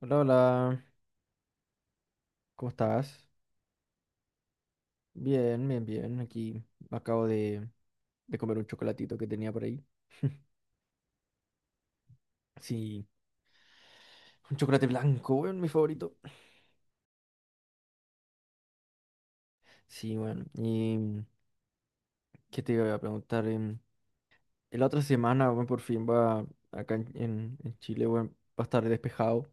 Hola, hola, ¿cómo estás? Bien, bien, bien. Aquí acabo de comer un chocolatito que tenía por ahí. Sí, un chocolate blanco, weón, mi favorito. Sí, bueno, y qué te iba a preguntar. La otra semana, weón, por fin va acá en Chile, weón, va a estar despejado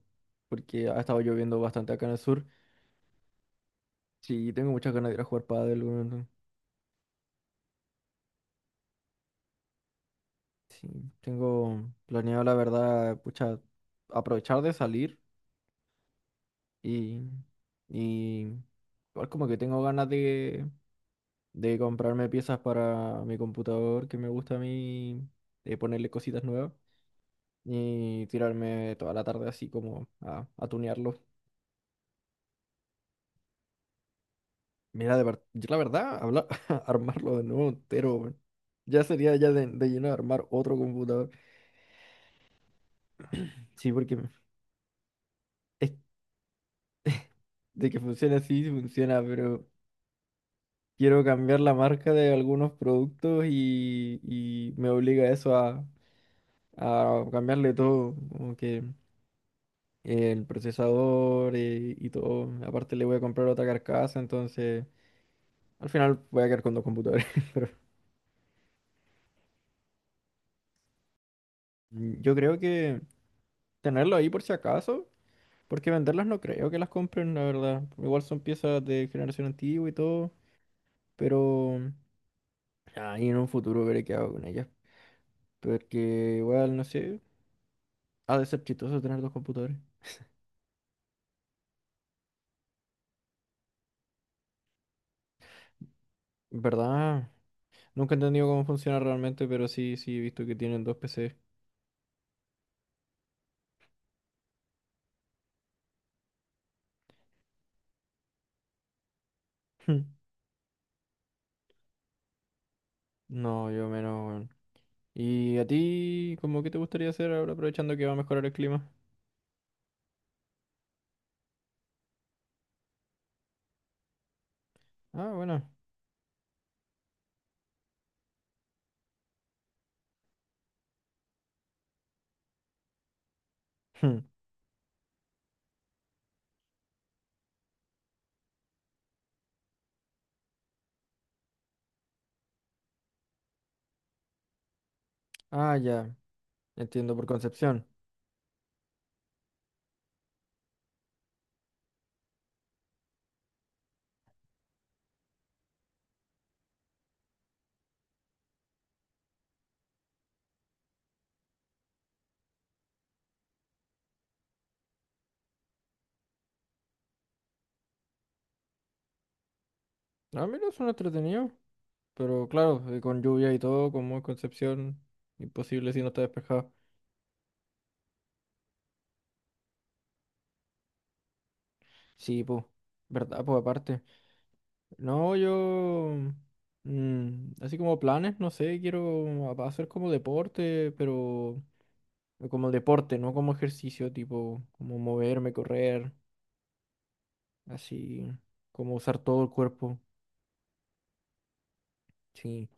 porque ha estado lloviendo bastante acá en el sur. Sí, tengo muchas ganas de ir a jugar pádel, weón. Sí, tengo planeado, la verdad, pucha, aprovechar de salir. Y, y igual como que tengo ganas de comprarme piezas para mi computador que me gusta a mí, de ponerle cositas nuevas y tirarme toda la tarde así como a tunearlo. Mira, yo la verdad, armarlo de nuevo entero, weón. Ya sería ya de lleno armar otro computador. Sí, porque es de que funciona así, sí funciona, pero quiero cambiar la marca de algunos productos y me obliga eso a cambiarle todo, como que el procesador y, todo. Aparte le voy a comprar otra carcasa, entonces al final voy a quedar con dos computadores. Pero yo creo que tenerlo ahí por si acaso, porque venderlas no creo que las compren, la verdad. Igual son piezas de generación antigua y todo, pero ahí en un futuro veré qué hago con ellas. Porque igual, no sé, ha de ser chistoso tener dos computadores. ¿Verdad? Nunca he entendido cómo funciona realmente, pero sí, sí he visto que tienen dos PCs. No, yo menos, weón. ¿Y a ti, como que te gustaría hacer ahora aprovechando que va a mejorar el clima? Ah, bueno. Hmm. Ah, ya. Entiendo por Concepción. Ah, mira, son entretenidos. Pero claro, con lluvia y todo, como es Concepción, imposible si no está despejado. Sí, pues. ¿Verdad? Pues aparte. No, yo. Así como planes, no sé, quiero hacer como deporte, pero. Como deporte, no como ejercicio, tipo, como moverme, correr. Así como usar todo el cuerpo, sí.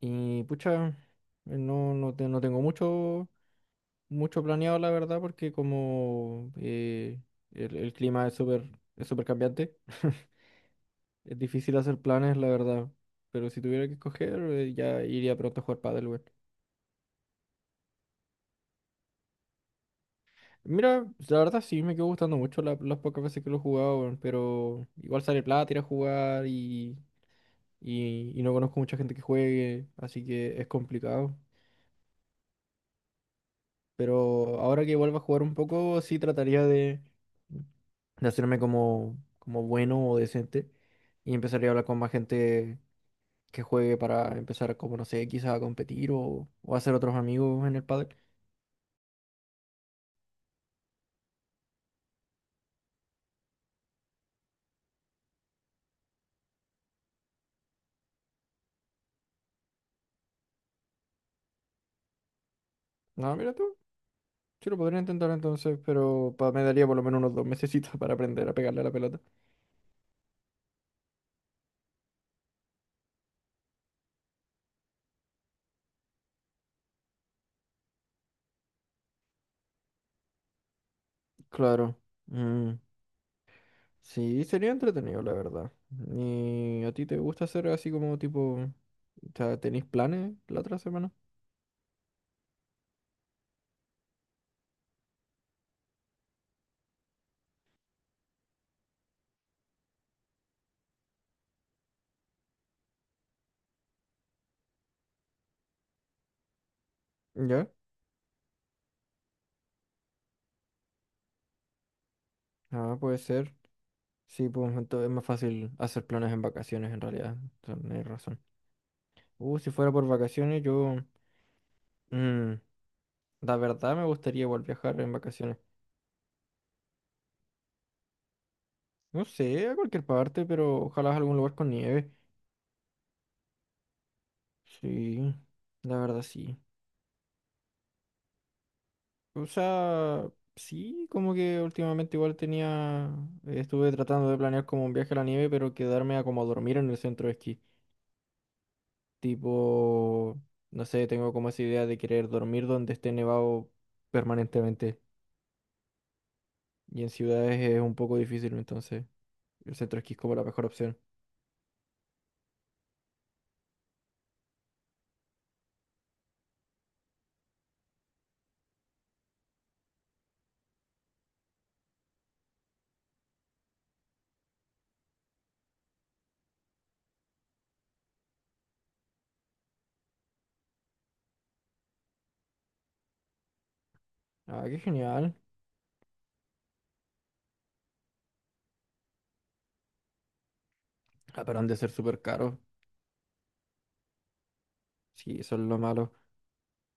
Y pucha, no, no, no tengo mucho, mucho planeado, la verdad, porque como el clima es súper cambiante, es difícil hacer planes, la verdad. Pero si tuviera que escoger, ya iría pronto a jugar pádel, weón. Mira, pues, la verdad sí me quedó gustando mucho las pocas veces que lo he jugado, weón, pero igual sale plata ir a jugar y no conozco mucha gente que juegue, así que es complicado. Pero ahora que vuelva a jugar un poco, sí trataría de hacerme como, como bueno o decente. Y empezaría a hablar con más gente que juegue para empezar, como no sé, quizás a competir o hacer otros amigos en el pádel. No, mira tú. Sí, lo podría intentar entonces, pero me daría por lo menos unos dos mesecitos para aprender a pegarle a la pelota. Claro. Mm, sí, sería entretenido, la verdad. ¿Y a ti te gusta hacer así como tipo... O sea, ¿tenéis planes la otra semana? ¿Ya? Ah, puede ser. Sí, pues entonces es más fácil hacer planes en vacaciones en realidad. Tienes razón. Si fuera por vacaciones, yo... mm, la verdad me gustaría igual viajar en vacaciones. No sé, a cualquier parte, pero ojalá a algún lugar con nieve. Sí, la verdad sí. O sea, sí, como que últimamente igual tenía... Estuve tratando de planear como un viaje a la nieve, pero quedarme a como dormir en el centro de esquí. Tipo, no sé, tengo como esa idea de querer dormir donde esté nevado permanentemente. Y en ciudades es un poco difícil, entonces el centro esquí es como la mejor opción. Ah, qué genial. Ah, pero han de ser súper caros. Sí, eso es lo malo.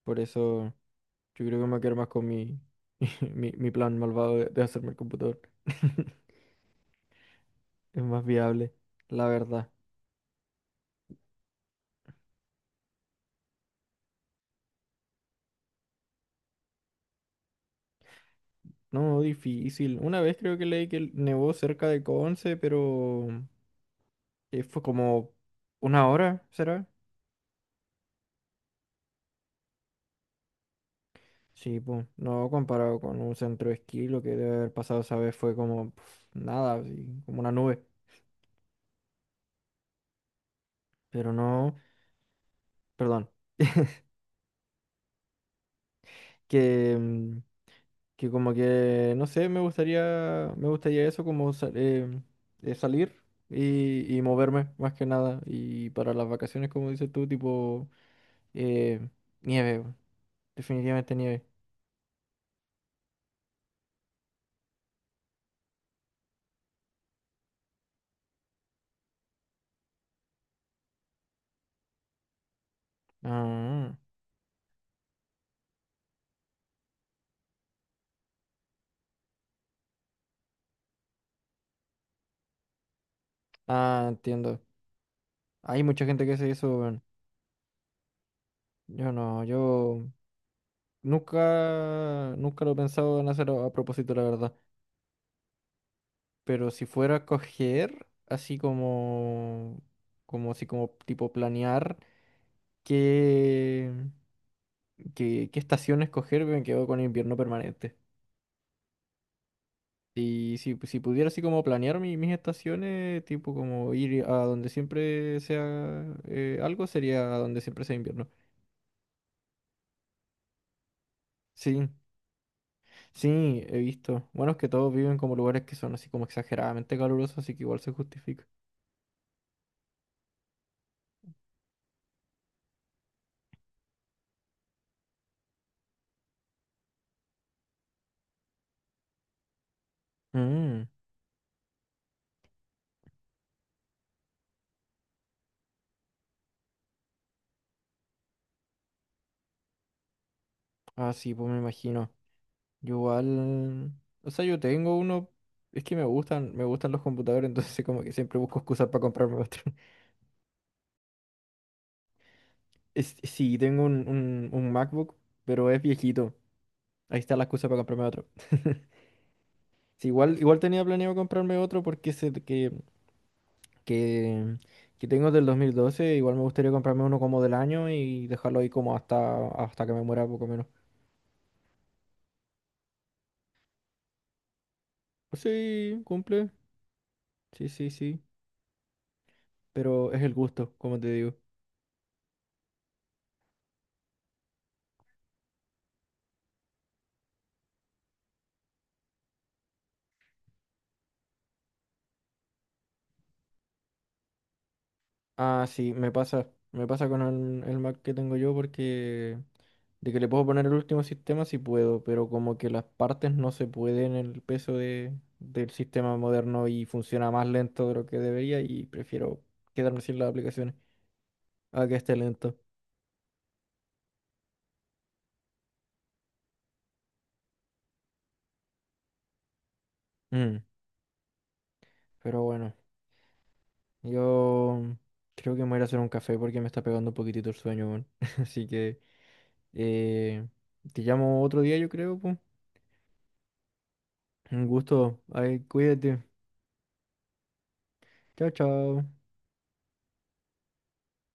Por eso yo creo que me quiero más con mi, mi plan malvado de hacerme el computador. Es más viable, la verdad. No, difícil. Una vez creo que leí que nevó cerca de Conce, pero fue como una hora, ¿será? Sí, pues, no comparado con un centro de esquí, lo que debe haber pasado esa vez fue como pf, nada, así, como una nube. Pero no, perdón, que, que como que, no sé, me gustaría eso como salir y moverme más que nada. Y para las vacaciones, como dices tú, tipo eh, nieve, weón, definitivamente nieve. Ah, ah, entiendo. Hay mucha gente que hace eso, weón. Yo no, yo nunca, nunca lo he pensado en hacer a propósito, la verdad. Pero si fuera a coger, así como, como si como tipo planear qué, qué estación escoger, me quedo con invierno permanente. Y si pudiera así como planear mis estaciones, tipo como ir a donde siempre sea algo, sería a donde siempre sea invierno. Sí, sí, he visto. Bueno, es que todos viven como lugares que son así como exageradamente calurosos, así que igual se justifica. Mm, ah, sí, pues me imagino. Yo igual, o sea, yo tengo uno, es que me gustan los computadores, entonces como que siempre busco excusas para comprarme otro. Sí, tengo un MacBook, pero es viejito. Ahí está la excusa para comprarme otro. Sí, igual, igual tenía planeado comprarme otro porque ese que, que tengo del 2012 igual me gustaría comprarme uno como del año y dejarlo ahí como hasta que me muera poco menos. Pues sí, cumple. Sí, sí, sí. Pero es el gusto, como te digo. Ah, sí, me pasa. Me pasa con el, Mac que tengo yo porque de que le puedo poner el último sistema sí puedo, pero como que las partes no se pueden en el peso del sistema moderno y funciona más lento de lo que debería y prefiero quedarme sin las aplicaciones a que esté lento. Mm, pero bueno, yo creo que me voy a ir a hacer un café porque me está pegando un poquitito el sueño, weón. Así que eh, te llamo otro día, yo creo, pues. Un gusto. Ay, cuídate. Chao, chao.